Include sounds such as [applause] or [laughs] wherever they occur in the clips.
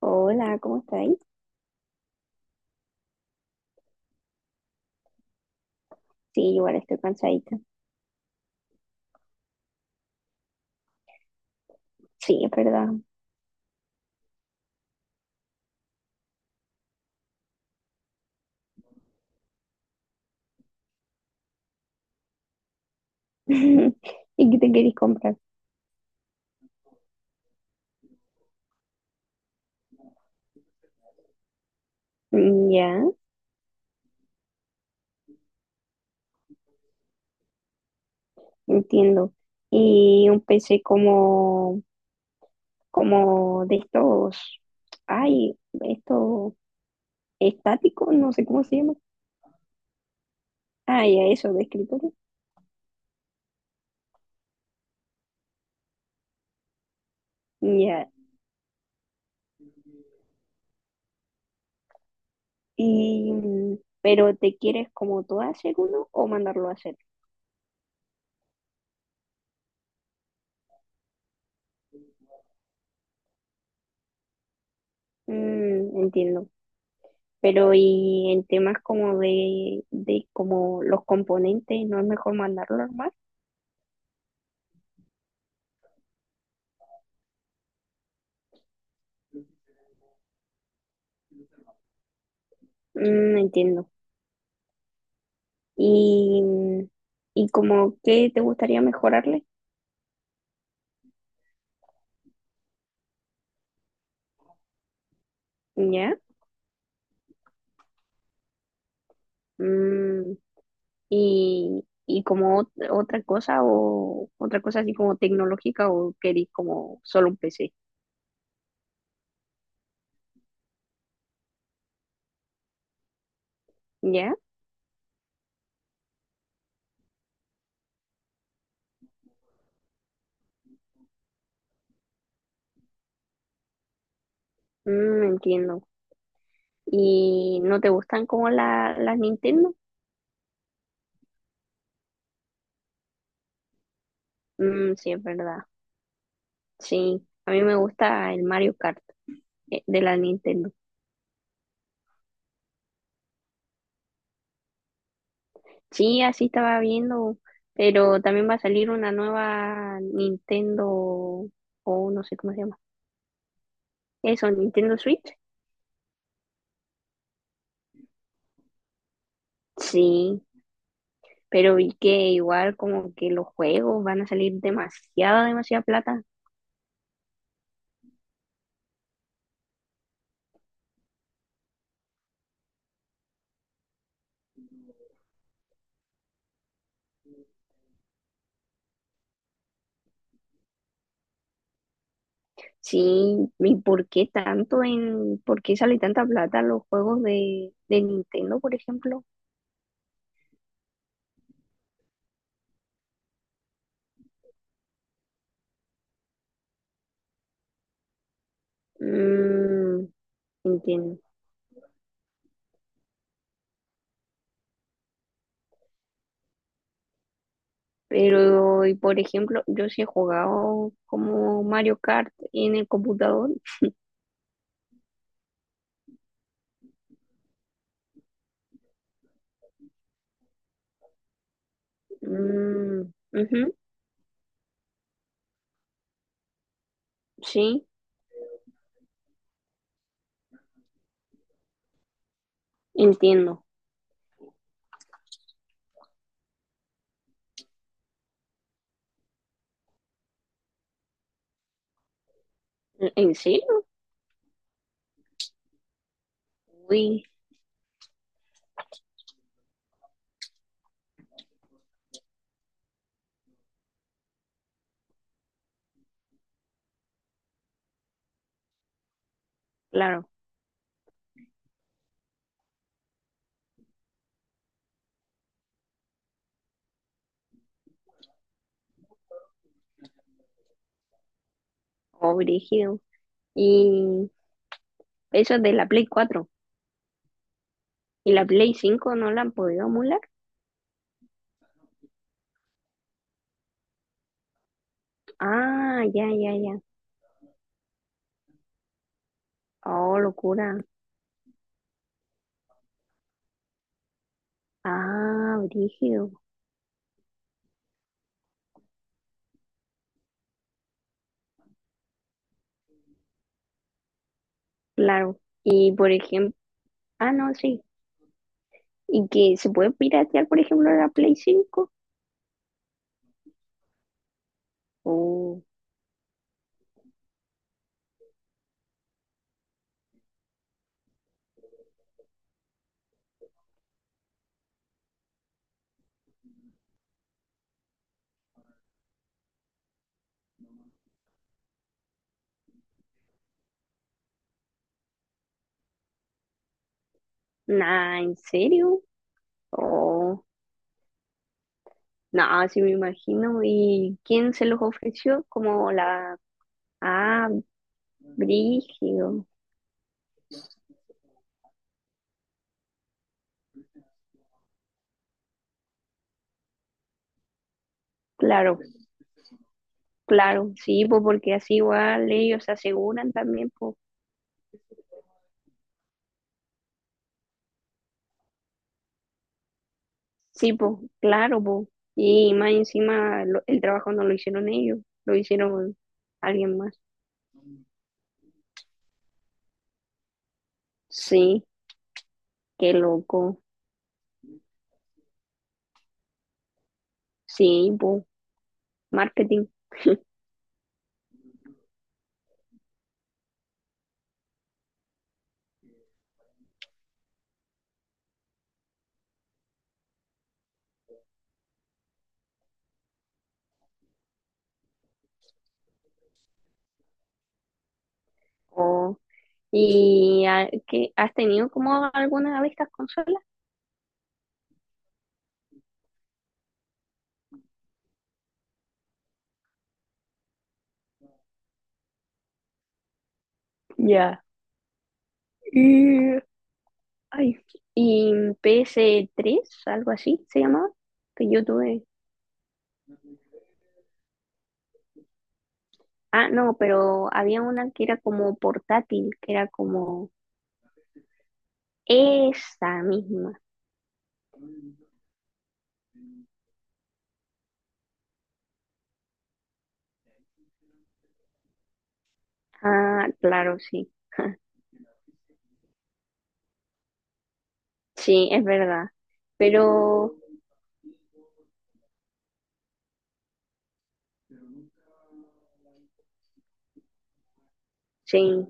Hola, ¿cómo estáis? Sí, igual estoy cansadita. Sí, es verdad. [laughs] ¿Y qué te queréis comprar? Ya, entiendo. Y un PC como, como de estos, ay, esto estático, no sé cómo se llama. Ah, ya, eso, de escritorio. Ya. Y, pero ¿te quieres como tú hacer uno o mandarlo a hacer? Entiendo. Pero y en temas como de como los componentes, ¿no es mejor mandarlo a armar? Entiendo. Y, y como qué te gustaría mejorarle, ¿ya? Mm, y como otra cosa o otra cosa así como tecnológica o querís como solo un PC, ¿ya? Entiendo. ¿Y no te gustan como la, las Nintendo? Mm, sí, es verdad. Sí, a mí me gusta el Mario Kart de la Nintendo. Sí, así estaba viendo, pero también va a salir una nueva Nintendo, o no sé cómo se llama. Eso, Nintendo Switch. Sí, pero vi que igual como que los juegos van a salir demasiada, demasiada plata. Sí, ¿y por qué tanto en, por qué sale tanta plata en los juegos de Nintendo, por ejemplo? Mm, entiendo. Pero, y por ejemplo, yo sí he jugado como Mario Kart en el computador. Mm, ujú, sí, entiendo. En serio? Uy, claro, oh, brígido. Y eso es de la Play cuatro. ¿Y la Play cinco no la han podido emular? Ah, ya, ya, ya. Oh, locura. Ah, brígido. Claro. Y por ejemplo, ah, no, sí. ¿Y que se puede piratear, por ejemplo, la Play cinco? Oh, nah, ¿en serio? Oh, nah, sí me imagino. ¿Y quién se los ofreció? Como la... Ah, brígido. Claro, claro, sí, pues porque así igual ellos se aseguran también, pues. Sí, pues, claro, pues. Y más encima el trabajo no lo hicieron ellos, lo hicieron alguien más. Sí, qué loco. Sí, pues, marketing. Oh, ¿Y qué, has tenido como alguna de estas consolas? Ya. Y, ay, y ps tres algo así se llamaba, que yo tuve. Ah, no, pero había una que era como portátil, que era como esa misma. Ah, claro, sí. [laughs] Sí, es verdad. Pero sí,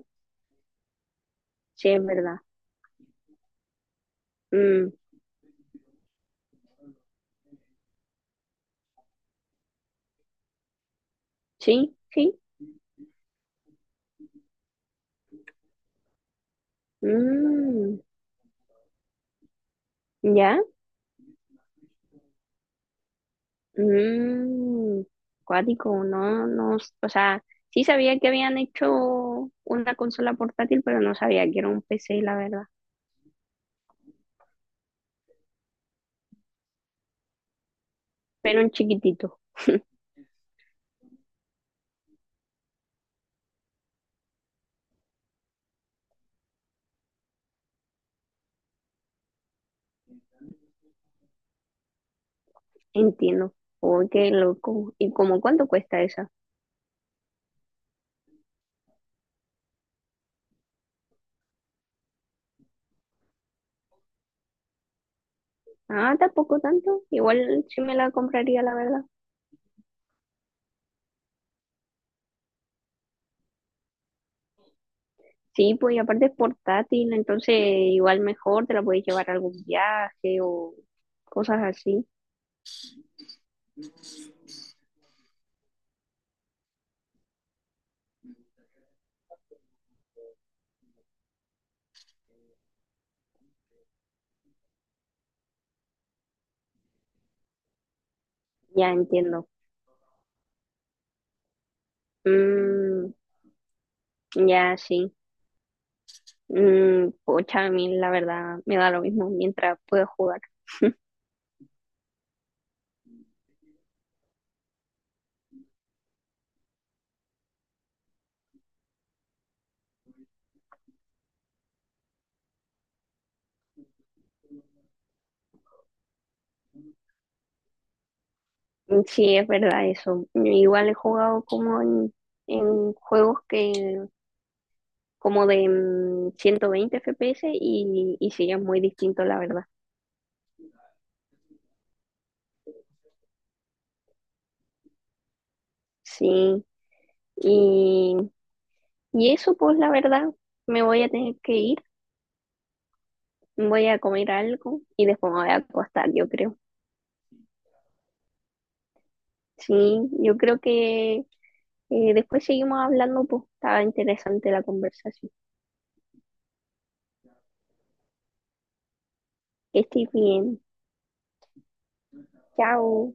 sí, es verdad. Mm, sí, sí. Mm, ¿ya? Mm, cuático, no, no, o sea, sí sabía que habían hecho una consola portátil, pero no sabía que era un PC, la verdad. Pero un chiquitito, entiendo. Uy, qué loco. ¿Y cómo cuánto cuesta esa? Ah, tampoco tanto. Igual sí me la compraría, la verdad. Sí, pues y aparte es portátil, entonces igual mejor te la puedes llevar a algún viaje o cosas así. Ya entiendo. Mm, ya sí. Pocha, a mí la verdad me da lo mismo mientras puedo jugar. Sí, es verdad eso. Igual he jugado como en juegos que como de 120 FPS y sí, es muy distinto, la verdad. Sí. Y y eso, pues la verdad, me voy a tener que ir, voy a comer algo y después me voy a acostar, yo creo. Sí, yo creo que después seguimos hablando, pues estaba interesante la conversación. Que estés bien. Chao.